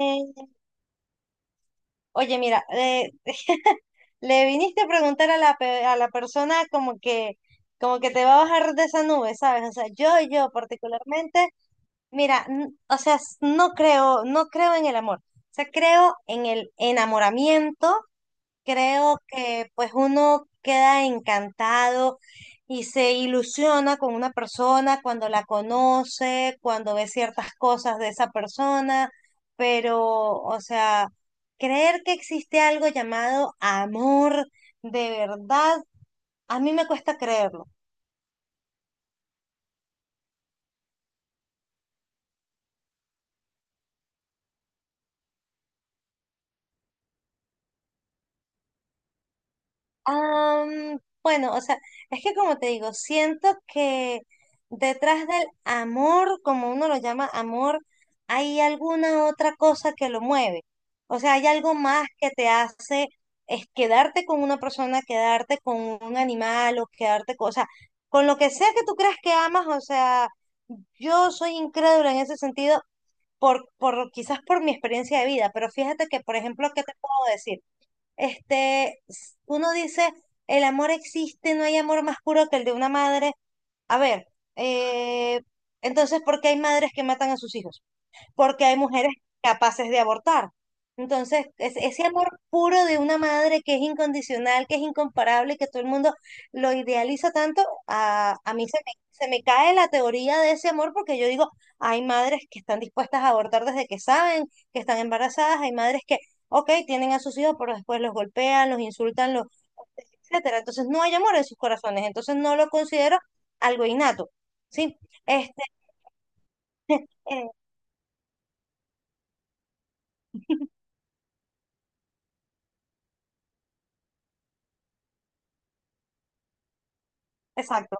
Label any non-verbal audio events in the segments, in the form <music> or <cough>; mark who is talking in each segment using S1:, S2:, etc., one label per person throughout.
S1: Eh, Oye, mira, le viniste a preguntar a la, a la persona como que te va a bajar de esa nube, ¿sabes? O sea, yo particularmente, mira, o sea, no creo en el amor. O sea, creo en el enamoramiento. Creo que pues uno queda encantado y se ilusiona con una persona cuando la conoce, cuando ve ciertas cosas de esa persona, pero o sea, creer que existe algo llamado amor de verdad, a mí me cuesta creerlo. Bueno, o sea, es que como te digo, siento que detrás del amor, como uno lo llama amor, hay alguna otra cosa que lo mueve. O sea, hay algo más que te hace es quedarte con una persona, quedarte con un animal o quedarte con, o sea, con lo que sea que tú creas que amas, o sea, yo soy incrédula en ese sentido por quizás por mi experiencia de vida, pero fíjate que, por ejemplo, ¿qué te puedo decir? Este, uno dice, el amor existe, no hay amor más puro que el de una madre. A ver, eh, entonces, ¿por qué hay madres que matan a sus hijos? Porque hay mujeres capaces de abortar. Entonces, ese amor puro de una madre que es incondicional, que es incomparable, que todo el mundo lo idealiza tanto, a mí se me cae la teoría de ese amor porque yo digo, hay madres que están dispuestas a abortar desde que saben que están embarazadas, hay madres que, ok, tienen a sus hijos, pero después los golpean, los insultan, los, etcétera. Entonces, no hay amor en sus corazones, entonces no lo considero algo innato. Sí, este, eh, exacto.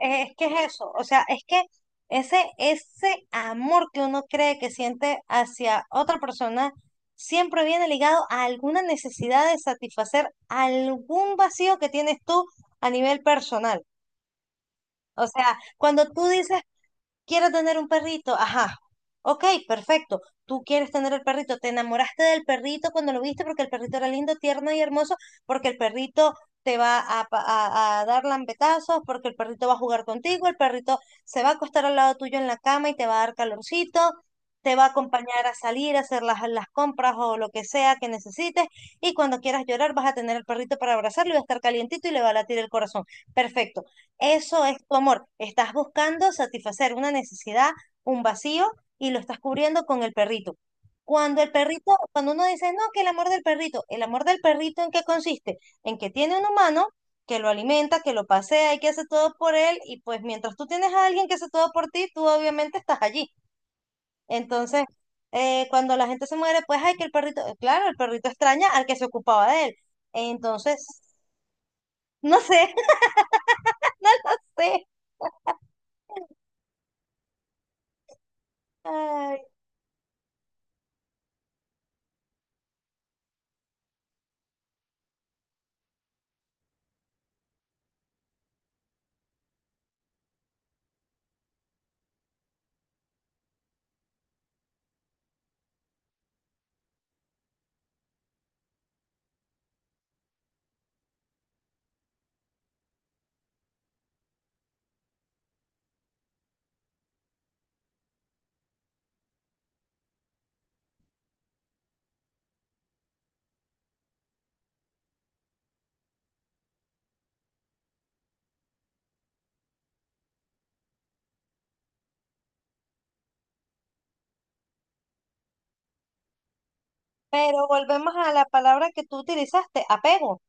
S1: Es que es eso, o sea, es que ese amor que uno cree que siente hacia otra persona siempre viene ligado a alguna necesidad de satisfacer algún vacío que tienes tú a nivel personal. O sea, cuando tú dices, quiero tener un perrito, ajá. Ok, perfecto. Tú quieres tener el perrito, te enamoraste del perrito cuando lo viste porque el perrito era lindo, tierno y hermoso, porque el perrito a dar lambetazos, porque el perrito va a jugar contigo, el perrito se va a acostar al lado tuyo en la cama y te va a dar calorcito, te va a acompañar a salir, a hacer las compras o lo que sea que necesites, y cuando quieras llorar vas a tener el perrito para abrazarlo y va a estar calientito y le va a latir el corazón. Perfecto. Eso es tu amor. Estás buscando satisfacer una necesidad, un vacío, y lo estás cubriendo con el perrito. Cuando el perrito, cuando uno dice, no, que el amor del perrito, el amor del perrito, ¿en qué consiste? En que tiene un humano que lo alimenta, que lo pasea y que hace todo por él, y pues mientras tú tienes a alguien que hace todo por ti, tú obviamente estás allí. Entonces, cuando la gente se muere, pues hay que el perrito, claro, el perrito extraña al que se ocupaba de él. Entonces, no sé, <laughs> sí. Ay, pero volvemos a la palabra que tú utilizaste, apego,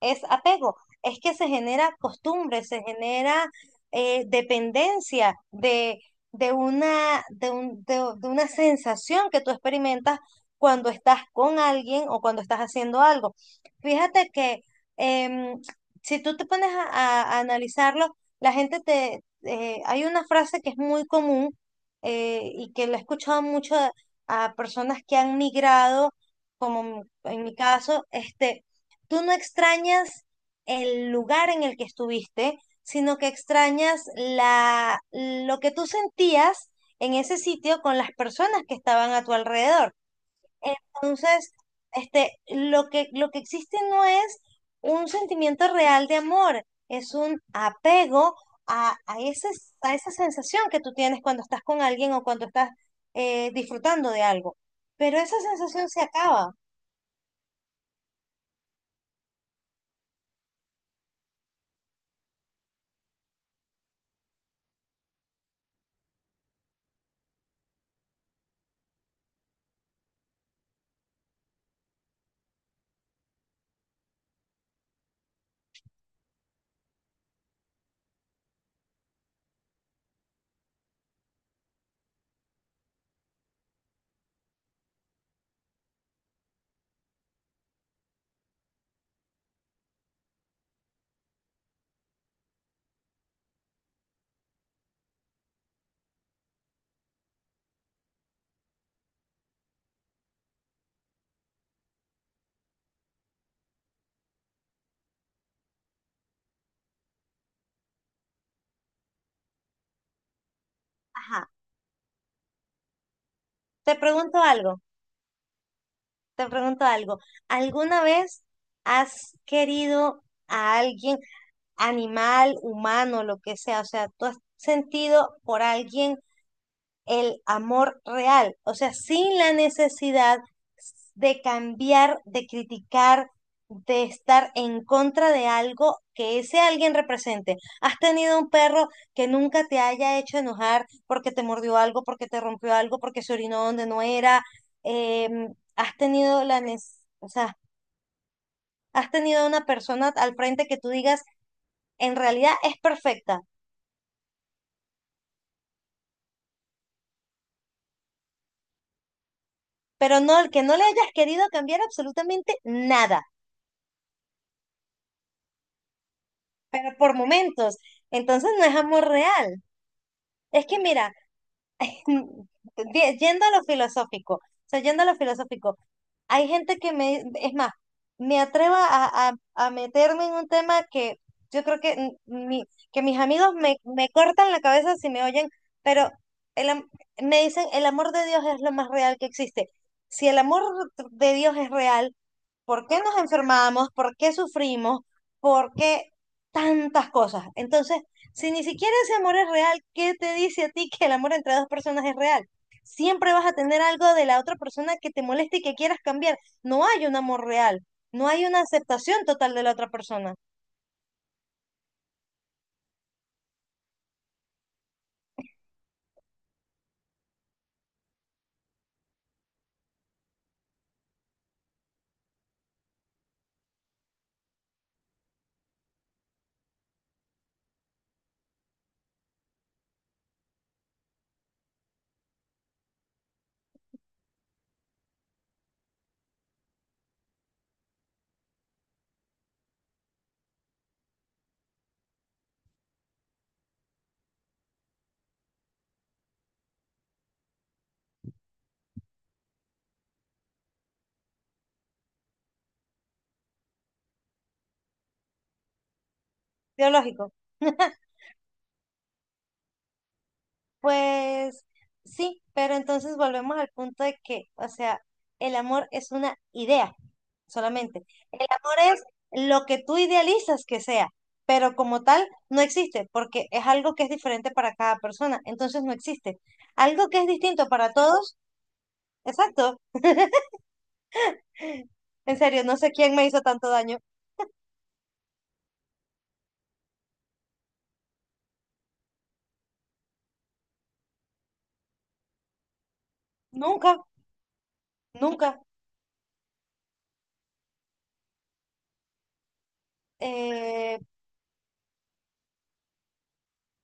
S1: es apego, es que se genera costumbre, se genera dependencia de una, de una sensación que tú experimentas cuando estás con alguien o cuando estás haciendo algo. Fíjate que em, si tú te pones a, a analizarlo, la gente te... hay una frase que es muy común y que la he escuchado mucho a personas que han migrado, como en mi caso, este, tú no extrañas el lugar en el que estuviste, sino que extrañas lo que tú sentías en ese sitio con las personas que estaban a tu alrededor. Entonces, este, lo que existe no es un sentimiento real de amor, es un apego a, a esa sensación que tú tienes cuando estás con alguien o cuando estás disfrutando de algo. Pero esa sensación se acaba. Ajá. Te pregunto algo. Te pregunto algo. ¿Alguna vez has querido a alguien, animal, humano, lo que sea? O sea, ¿tú has sentido por alguien el amor real, o sea, sin la necesidad de cambiar, de criticar, de estar en contra de algo que ese alguien represente? ¿Has tenido un perro que nunca te haya hecho enojar porque te mordió algo, porque te rompió algo, porque se orinó donde no era? ¿Has tenido o sea, has tenido una persona al frente que tú digas, en realidad es perfecta, pero no, el que no le hayas querido cambiar absolutamente nada? Pero por momentos. Entonces no es amor real. Es que mira, mm, yendo a lo filosófico, o sea, yendo a lo filosófico, hay gente que me, es más, me atrevo a, a meterme en un tema que yo creo que, que mis amigos me cortan la cabeza si me oyen, pero el am- me dicen, el amor de Dios es lo más real que existe. Si el amor de Dios es real, por qué nos enfermamos, por qué sufrimos, por qué tantas cosas. Entonces, si ni siquiera ese amor es real, ¿qué te dice a ti que el amor entre dos personas es real? Siempre vas a tener algo de la otra persona que te moleste y que quieras cambiar. No hay un amor real, no hay una aceptación total de la otra persona. Biológico. <laughs> Pues sí, pero entonces volvemos al punto de que, o sea, el amor es una idea solamente. El amor es lo que tú idealizas que sea, pero como tal no existe, porque es algo que es diferente para cada persona, entonces no existe. Algo que es distinto para todos, exacto. En serio, no sé quién me hizo tanto daño. Nunca, nunca. Eh,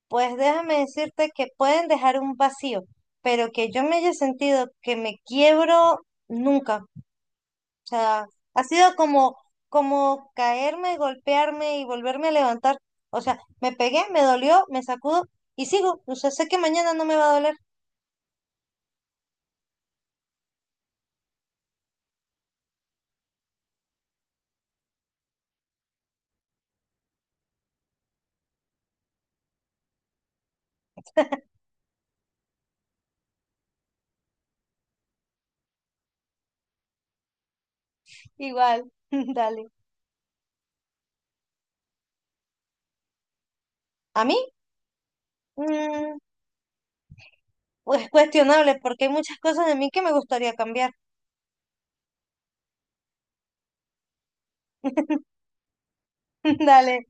S1: pues déjame decirte que pueden dejar un vacío, pero que yo me haya sentido que me quiebro, nunca. O sea, ha sido como, como caerme, golpearme y volverme a levantar. O sea, me pegué, me dolió, me sacudo y sigo. O sea, sé que mañana no me va a doler igual. <laughs> Dale. A mí, mm, pues cuestionable, porque hay muchas cosas de mí que me gustaría cambiar. <laughs> Dale.